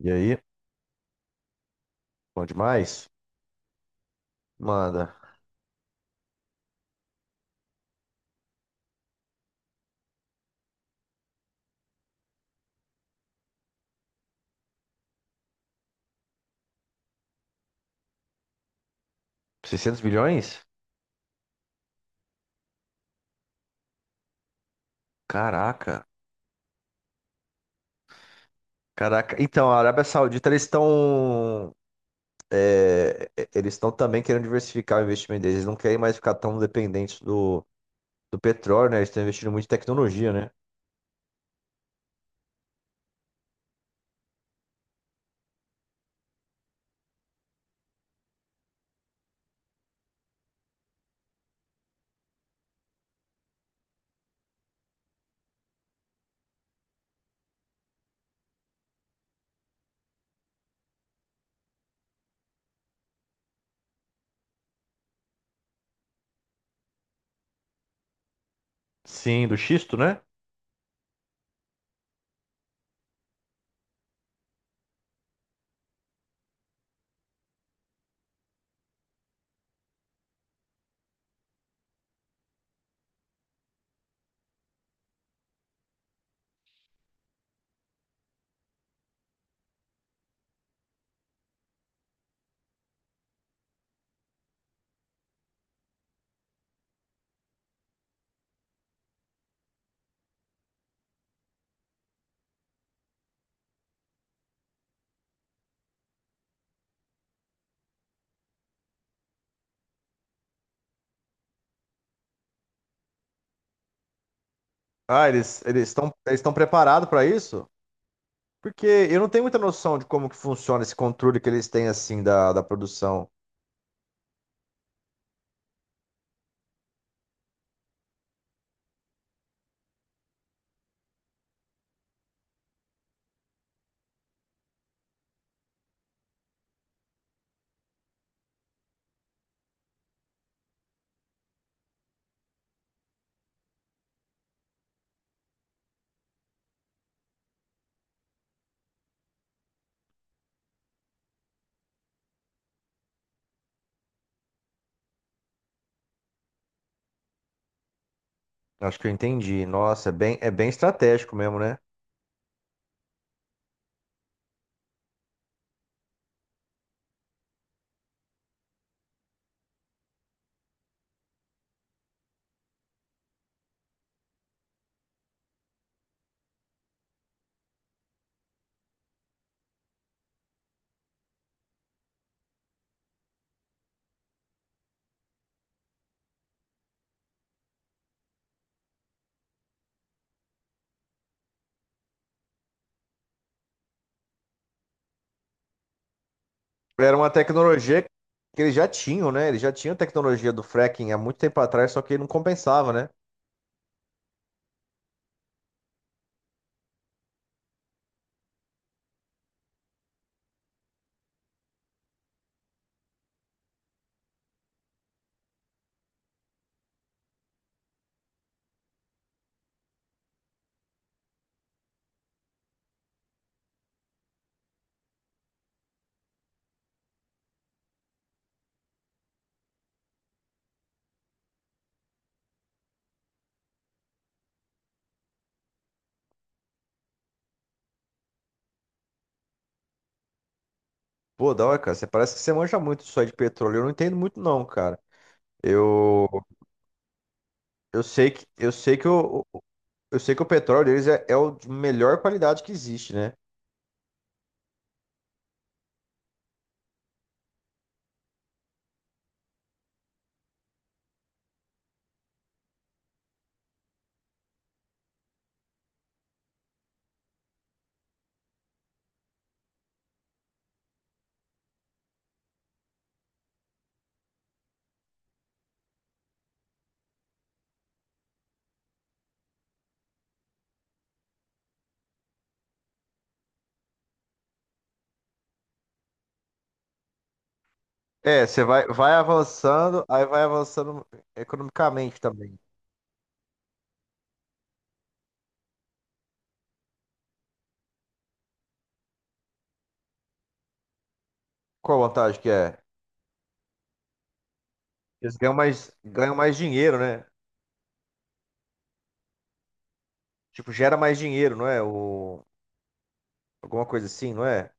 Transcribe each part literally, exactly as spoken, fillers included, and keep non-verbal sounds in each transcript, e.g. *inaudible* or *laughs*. E aí? Bom demais? Manda. Seiscentos bilhões? Caraca. Caraca. Então, a Arábia Saudita, eles estão. É, eles estão também querendo diversificar o investimento deles. Eles não querem mais ficar tão dependentes do, do petróleo, né? Eles estão investindo muito em tecnologia, né? Sim, do xisto, né? Ah, eles eles estão eles estão preparados para isso? Porque eu não tenho muita noção de como que funciona esse controle que eles têm assim da, da produção. Acho que eu entendi. Nossa, é bem, é bem estratégico mesmo, né? Era uma tecnologia que eles já tinham, né? Eles já tinham tecnologia do fracking há muito tempo atrás, só que não compensava, né? Pô, da hora, cara, você parece que você manja muito disso aí de petróleo. Eu não entendo muito, não, cara. Eu, eu sei que, eu sei que, o, eu sei que o petróleo deles é, é o de melhor qualidade que existe, né? É, você vai, vai avançando, aí vai avançando economicamente também. Qual a vantagem que é? Eles ganham mais, ganham mais dinheiro, né? Tipo, gera mais dinheiro, não é? O, alguma coisa assim, não é?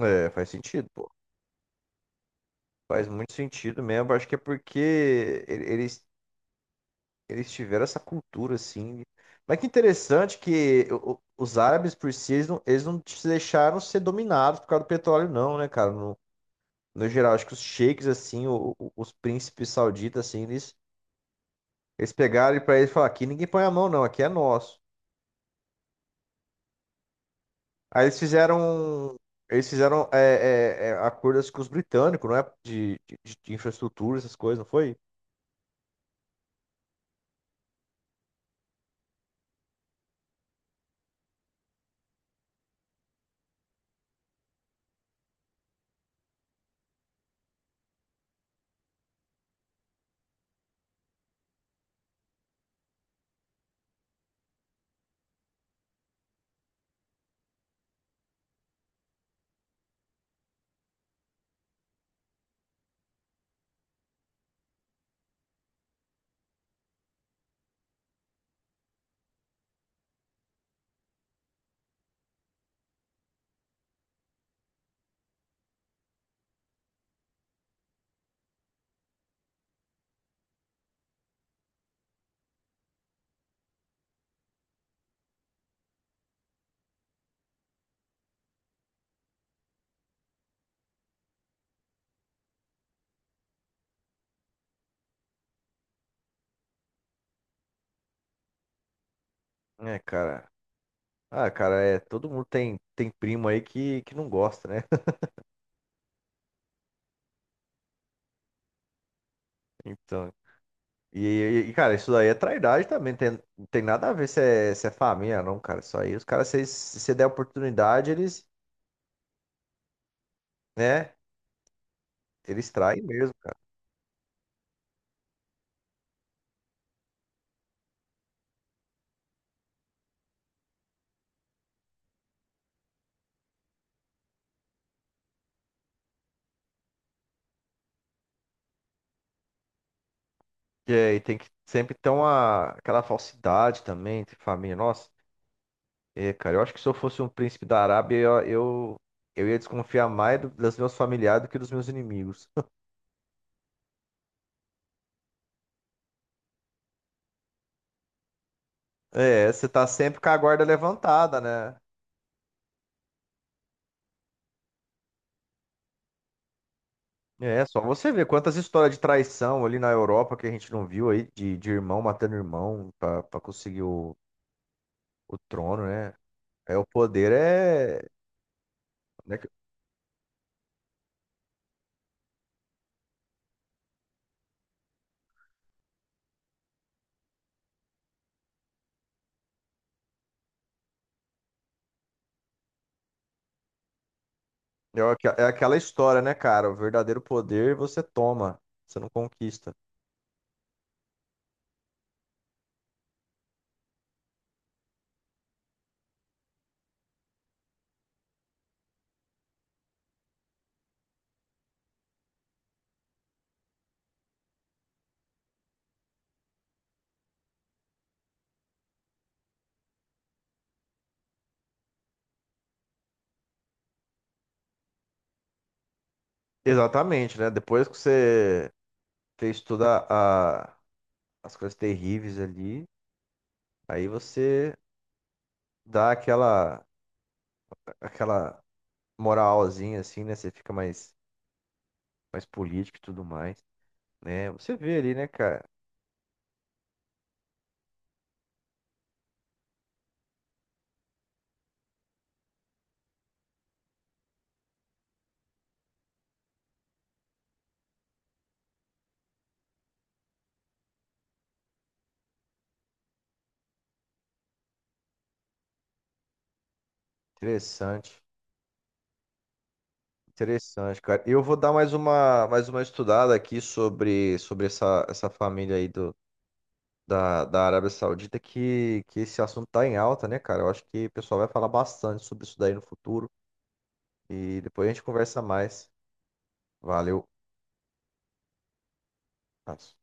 É, faz sentido, pô. Faz muito sentido mesmo. Acho que é porque ele- eles, eles tiveram essa cultura, assim. Mas que interessante que o- o- os árabes, por si, eles não, eles não se deixaram ser dominados por causa do petróleo, não, né, cara? No, no geral, acho que os sheiks, assim, o- o- os príncipes sauditas, assim, eles, eles pegaram e pra eles falaram, aqui ninguém põe a mão, não, aqui é nosso. Aí eles fizeram, eles fizeram é, é, é, acordos com os britânicos, não é? De, de, de infraestrutura, essas coisas, não foi? É, cara. Ah, cara, é, todo mundo tem, tem, primo aí que, que não gosta, né? *laughs* Então, e, e, cara, isso daí é trairagem também, tem, não tem nada a ver se é, se é família, não, cara. Isso aí, os caras, se, se você der oportunidade, eles, né, eles traem mesmo, cara. E, aí tem que sempre ter uma, aquela falsidade também, entre família. Nossa, é, cara, eu acho que se eu fosse um príncipe da Arábia, eu, eu, eu ia desconfiar mais do- dos meus familiares do que dos meus inimigos. *laughs* É, você tá sempre com a guarda levantada, né? É, só você ver quantas histórias de traição ali na Europa que a gente não viu aí, de, de irmão matando irmão pra pra conseguir o, o trono, né? É, o poder é, né, que- é, aqua- é aquela história, né, cara? O verdadeiro poder você toma, você não conquista. Exatamente, né? Depois que você fez toda a, as coisas terríveis ali, aí você dá aquela, aquela moralzinha assim, né? Você fica mais, mais político e tudo mais, né? Você vê ali, né, cara? Interessante, interessante, cara. Eu vou dar mais uma, mais uma estudada aqui sobre, sobre essa, essa família aí do, da, da Arábia Saudita, que, que esse assunto tá em alta, né, cara? Eu acho que o pessoal vai falar bastante sobre isso daí no futuro e depois a gente conversa mais. Valeu. Abraço.